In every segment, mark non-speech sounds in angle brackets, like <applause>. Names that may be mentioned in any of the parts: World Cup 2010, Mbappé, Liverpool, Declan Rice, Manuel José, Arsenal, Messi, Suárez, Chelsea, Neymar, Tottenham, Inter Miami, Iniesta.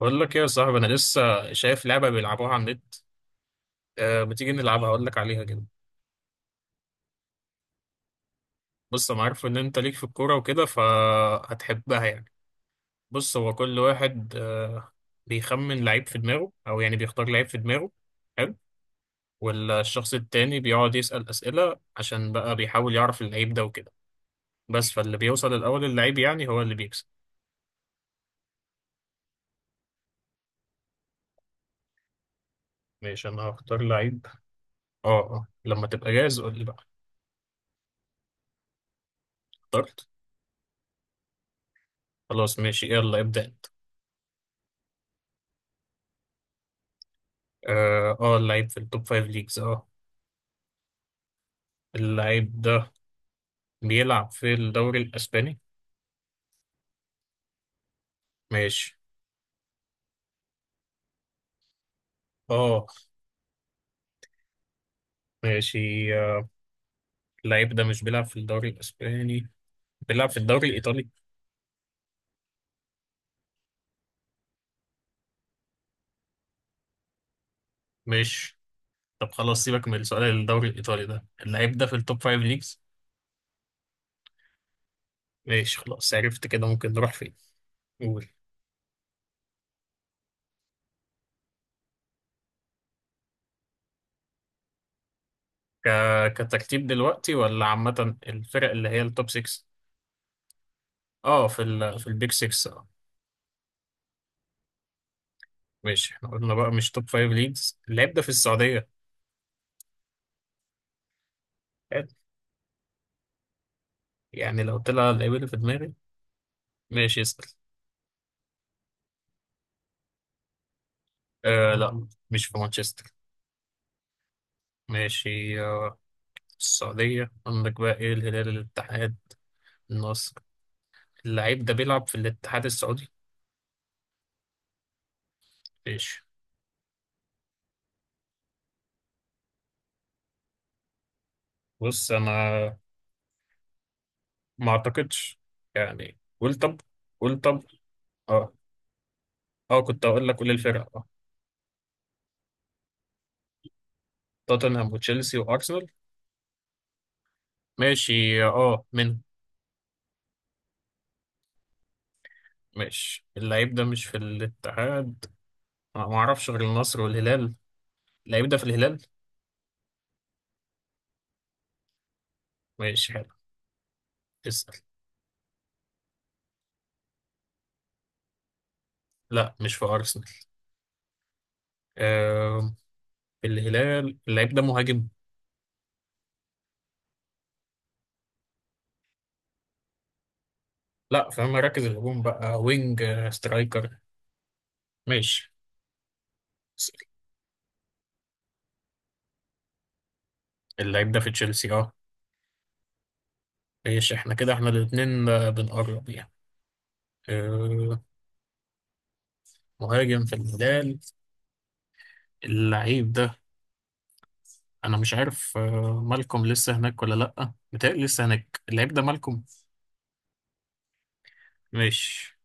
بقول لك ايه يا صاحبي، انا لسه شايف لعبه بيلعبوها على النت. ما تيجي نلعبها اقول لك عليها كده. بص انا عارف ان انت ليك في الكوره وكده فهتحبها يعني. بص هو كل واحد بيخمن لعيب في دماغه او يعني بيختار لعيب في دماغه. حلو. والشخص التاني بيقعد يسأل اسئله عشان بقى بيحاول يعرف اللعيب ده وكده. بس فاللي بيوصل الاول اللعيب يعني هو اللي بيكسب. ماشي، انا هختار لعيب. اه اه، لما تبقى جاهز قول لي بقى. اخترت. خلاص ماشي، يلا ابدأ انت. اه اللعيب في التوب فايف ليجز اه. اللعيب ده بيلعب في الدوري الإسباني. ماشي. اه. ماشي آه، اللعيب ده مش بيلعب في الدوري الإسباني، بيلعب في الدوري الإيطالي. ماشي. طب خلاص سيبك من السؤال الدوري الإيطالي ده، اللعيب ده في التوب فايف ليجز. ماشي خلاص، عرفت كده ممكن نروح فين. قول. ك... كترتيب دلوقتي ولا عامة الفرق اللي هي التوب 6؟ اه، في في البيج 6 اه. ماشي، احنا قلنا بقى مش توب فايف ليجز، اللعيب ده في السعودية. حلو. يعني لو طلع اللعيب اللي في دماغي. ماشي اسأل. آه لا، مش في مانشستر. ماشي آه. في السعودية عندك بقى ايه، الهلال، الاتحاد، النصر. اللعيب ده بيلعب في الاتحاد السعودي. ماشي. بص انا ما اعتقدش يعني، قول طب، قول طب. اه اه، كنت اقول لك قول الفرقة اه. توتنهام وتشيلسي وارسنال. ماشي اه من. ماشي. اللعيب ده مش في الاتحاد، أنا ما اعرفش غير النصر والهلال، اللعيب ده في الهلال. ماشي حلو. اسأل. لا، مش في ارسنال. آه، الهلال، اللعيب ده مهاجم. لا، في مراكز الهجوم بقى، وينج سترايكر. ماشي. بس اللعيب ده في تشيلسي اه. ماشي، احنا كده احنا الاتنين بنقرب يعني. آه، مهاجم في الهلال، اللعيب ده. انا مش عارف مالكم لسه هناك ولا لا، متهيألي لسه هناك اللعيب ده مالكم. ماشي.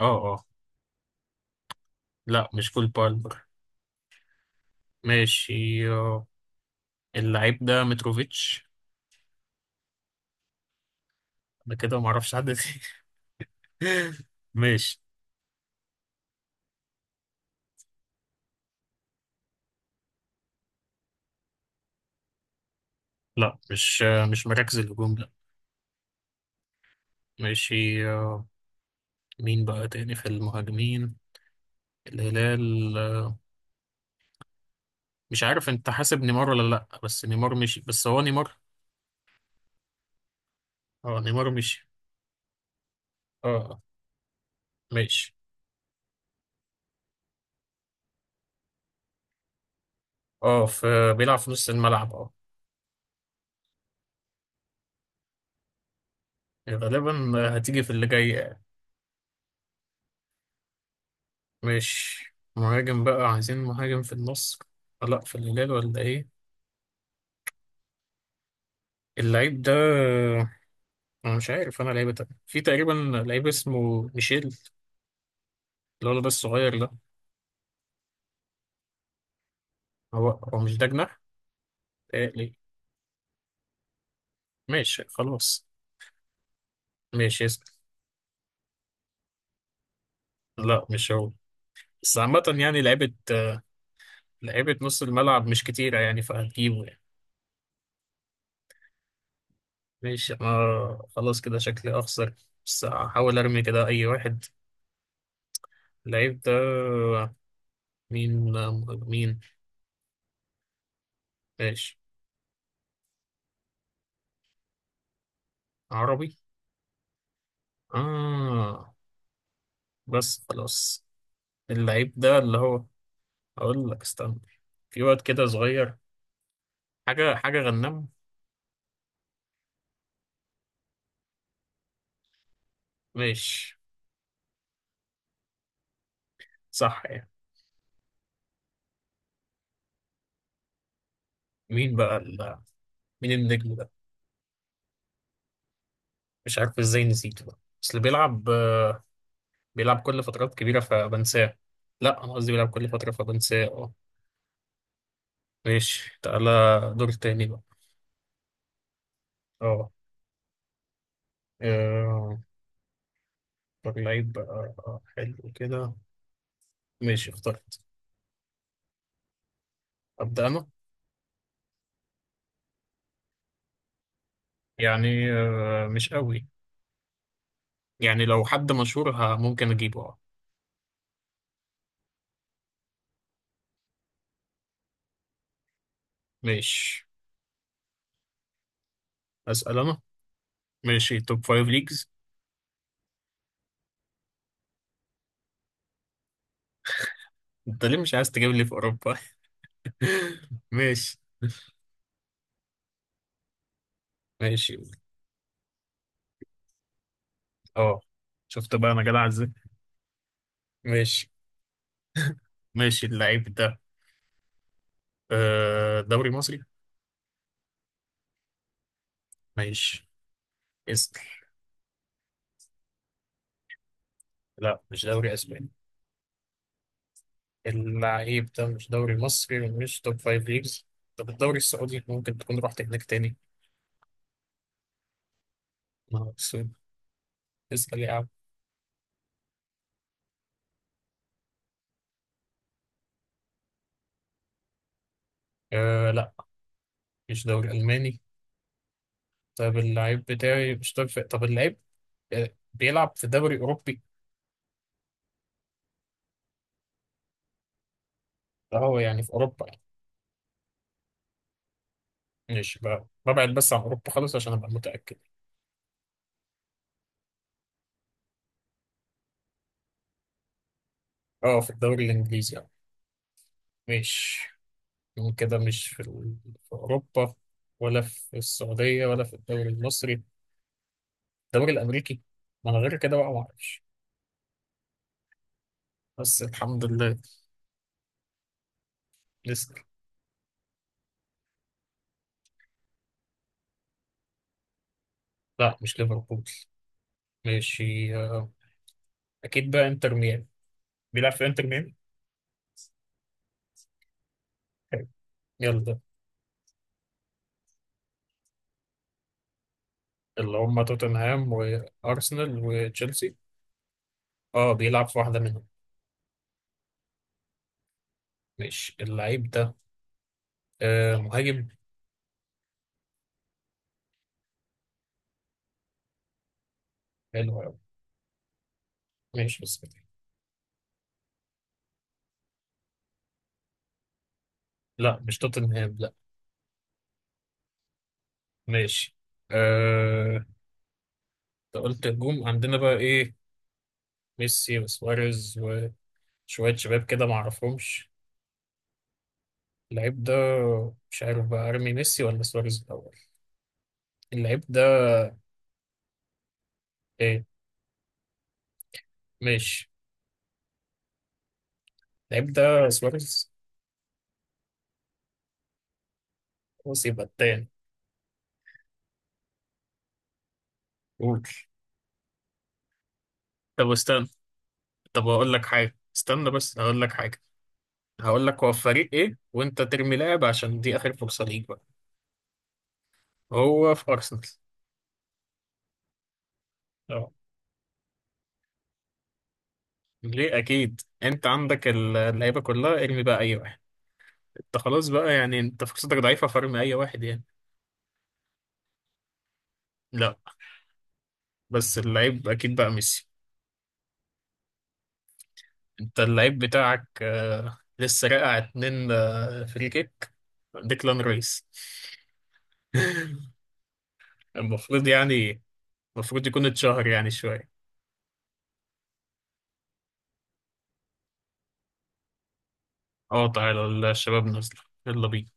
اه اه، لا مش كول بالمر. ماشي اللعيب ده متروفيتش. انا كده معرفش حد تاني. <laughs> ماشي. لا، مش مش مراكز الهجوم لا. ماشي مين بقى تاني في المهاجمين الهلال مش عارف انت حاسب نيمار ولا لا، بس نيمار مشي، بس هو نيمار. اه، نيمار مشي. اه ماشي. اه في، بيلعب في نص الملعب اه. غالبا هتيجي في اللي جاي يعني. ماشي، مهاجم بقى عايزين، مهاجم في النص لا في الهلال ولا ايه، اللعيب ده انا مش عارف انا لعيبه تانية. في تقريبا لعيب اسمه ميشيل، الولد ده الصغير ده. هو هو مش ده جناح؟ ليه. ماشي خلاص. ماشي اسأل. لا، مش هو، بس عامة يعني لعيبة، لعيبة نص الملعب مش كتيرة يعني فهتجيبه يعني. ماشي، أنا خلاص كده شكلي أخسر بس هحاول أرمي كده أي واحد. اللعيب ده مين. مين. ماشي. عربي. آه. بس خلاص. اللعيب ده اللي هو، أقول لك استنى، في واد كده صغير، حاجة غنام. ماشي. صح يعني. مين بقى مين النجم ده. مش عارف ازاي نسيته بقى، بس اللي بيلعب بيلعب كل فترات كبيرة فبنساه. لا، أنا قصدي بيلعب كل فترة فبنساه اه. ماشي تعالى. دور تاني بقى. اه آه، اختار لعيب بقى حلو كده. ماشي اخترت. أبدأ أنا. يعني مش قوي. يعني لو حد مشهور ممكن أجيبه اه. ماشي أسأل أنا. ماشي توب فايف ليجز. أنت ليه مش عايز تجيب لي في أوروبا؟ <laughs> ماشي. ماشي اه. شفت بقى أنا جدع إزاي. ماشي. ماشي اللعيب ده دوري مصري. ماشي. اسباني. لا، مش دوري اسباني. اللعيب ده مش دوري مصري مش توب فايف ليجز. طب الدوري السعودي ممكن تكون رحت هناك تاني. ما هو السعودي. اسأل يا عم. آه لا، مش دوري ألماني. طب اللعيب بتاعي مش توب فايف، طب اللعيب بيلعب في دوري أوروبي. اه يعني في أوروبا يعني. ماشي بقى، ببعد بس عن أوروبا خالص عشان أبقى متأكد. اه في الدوري الإنجليزي يعني. مش كده، مش في، في أوروبا ولا في السعودية ولا في الدوري المصري، الدوري الامريكي، ما انا غير كده بقى ما اعرفش. بس الحمد لله. لسه. لا، مش ليفربول. ماشي اكيد بقى انتر ميامي، بيلعب في انتر ميامي. حلو. يلا ده اللي هم توتنهام وارسنال وتشيلسي، اه بيلعب في واحده منهم. ماشي اللعيب ده آه مهاجم. حلو قوي. ماشي بس كده. لا، مش توتنهام لا. ماشي. آه. انت قلت هجوم، عندنا بقى ايه، ميسي وسواريز وشويه شباب كده ما اعرفهمش. اللعيب ده مش عارف بقى ارمي ميسي ولا سواريز الاول. اللعيب ده ايه. ماشي. اللعيب ده سواريز. خلاص يبقى التاني. قول طب استنى. طب هقول لك حاجه استنى، بس هقول لك حاجه. هقول لك هو في فريق ايه وانت ترمي لاعب عشان دي اخر فرصه ليك بقى. هو في ارسنال. اه ليه اكيد، انت عندك اللعيبه كلها، ارمي بقى اي واحد. انت خلاص بقى يعني انت فرصتك ضعيفه فارمي اي واحد يعني. لا، بس اللعيب اكيد بقى ميسي. انت اللعيب بتاعك لسه راقع اتنين فري كيك ديكلان رايس. <laughs> المفروض يعني، المفروض يكون اتشهر يعني شوية. اه تعالى الشباب نازلة، يلا بينا.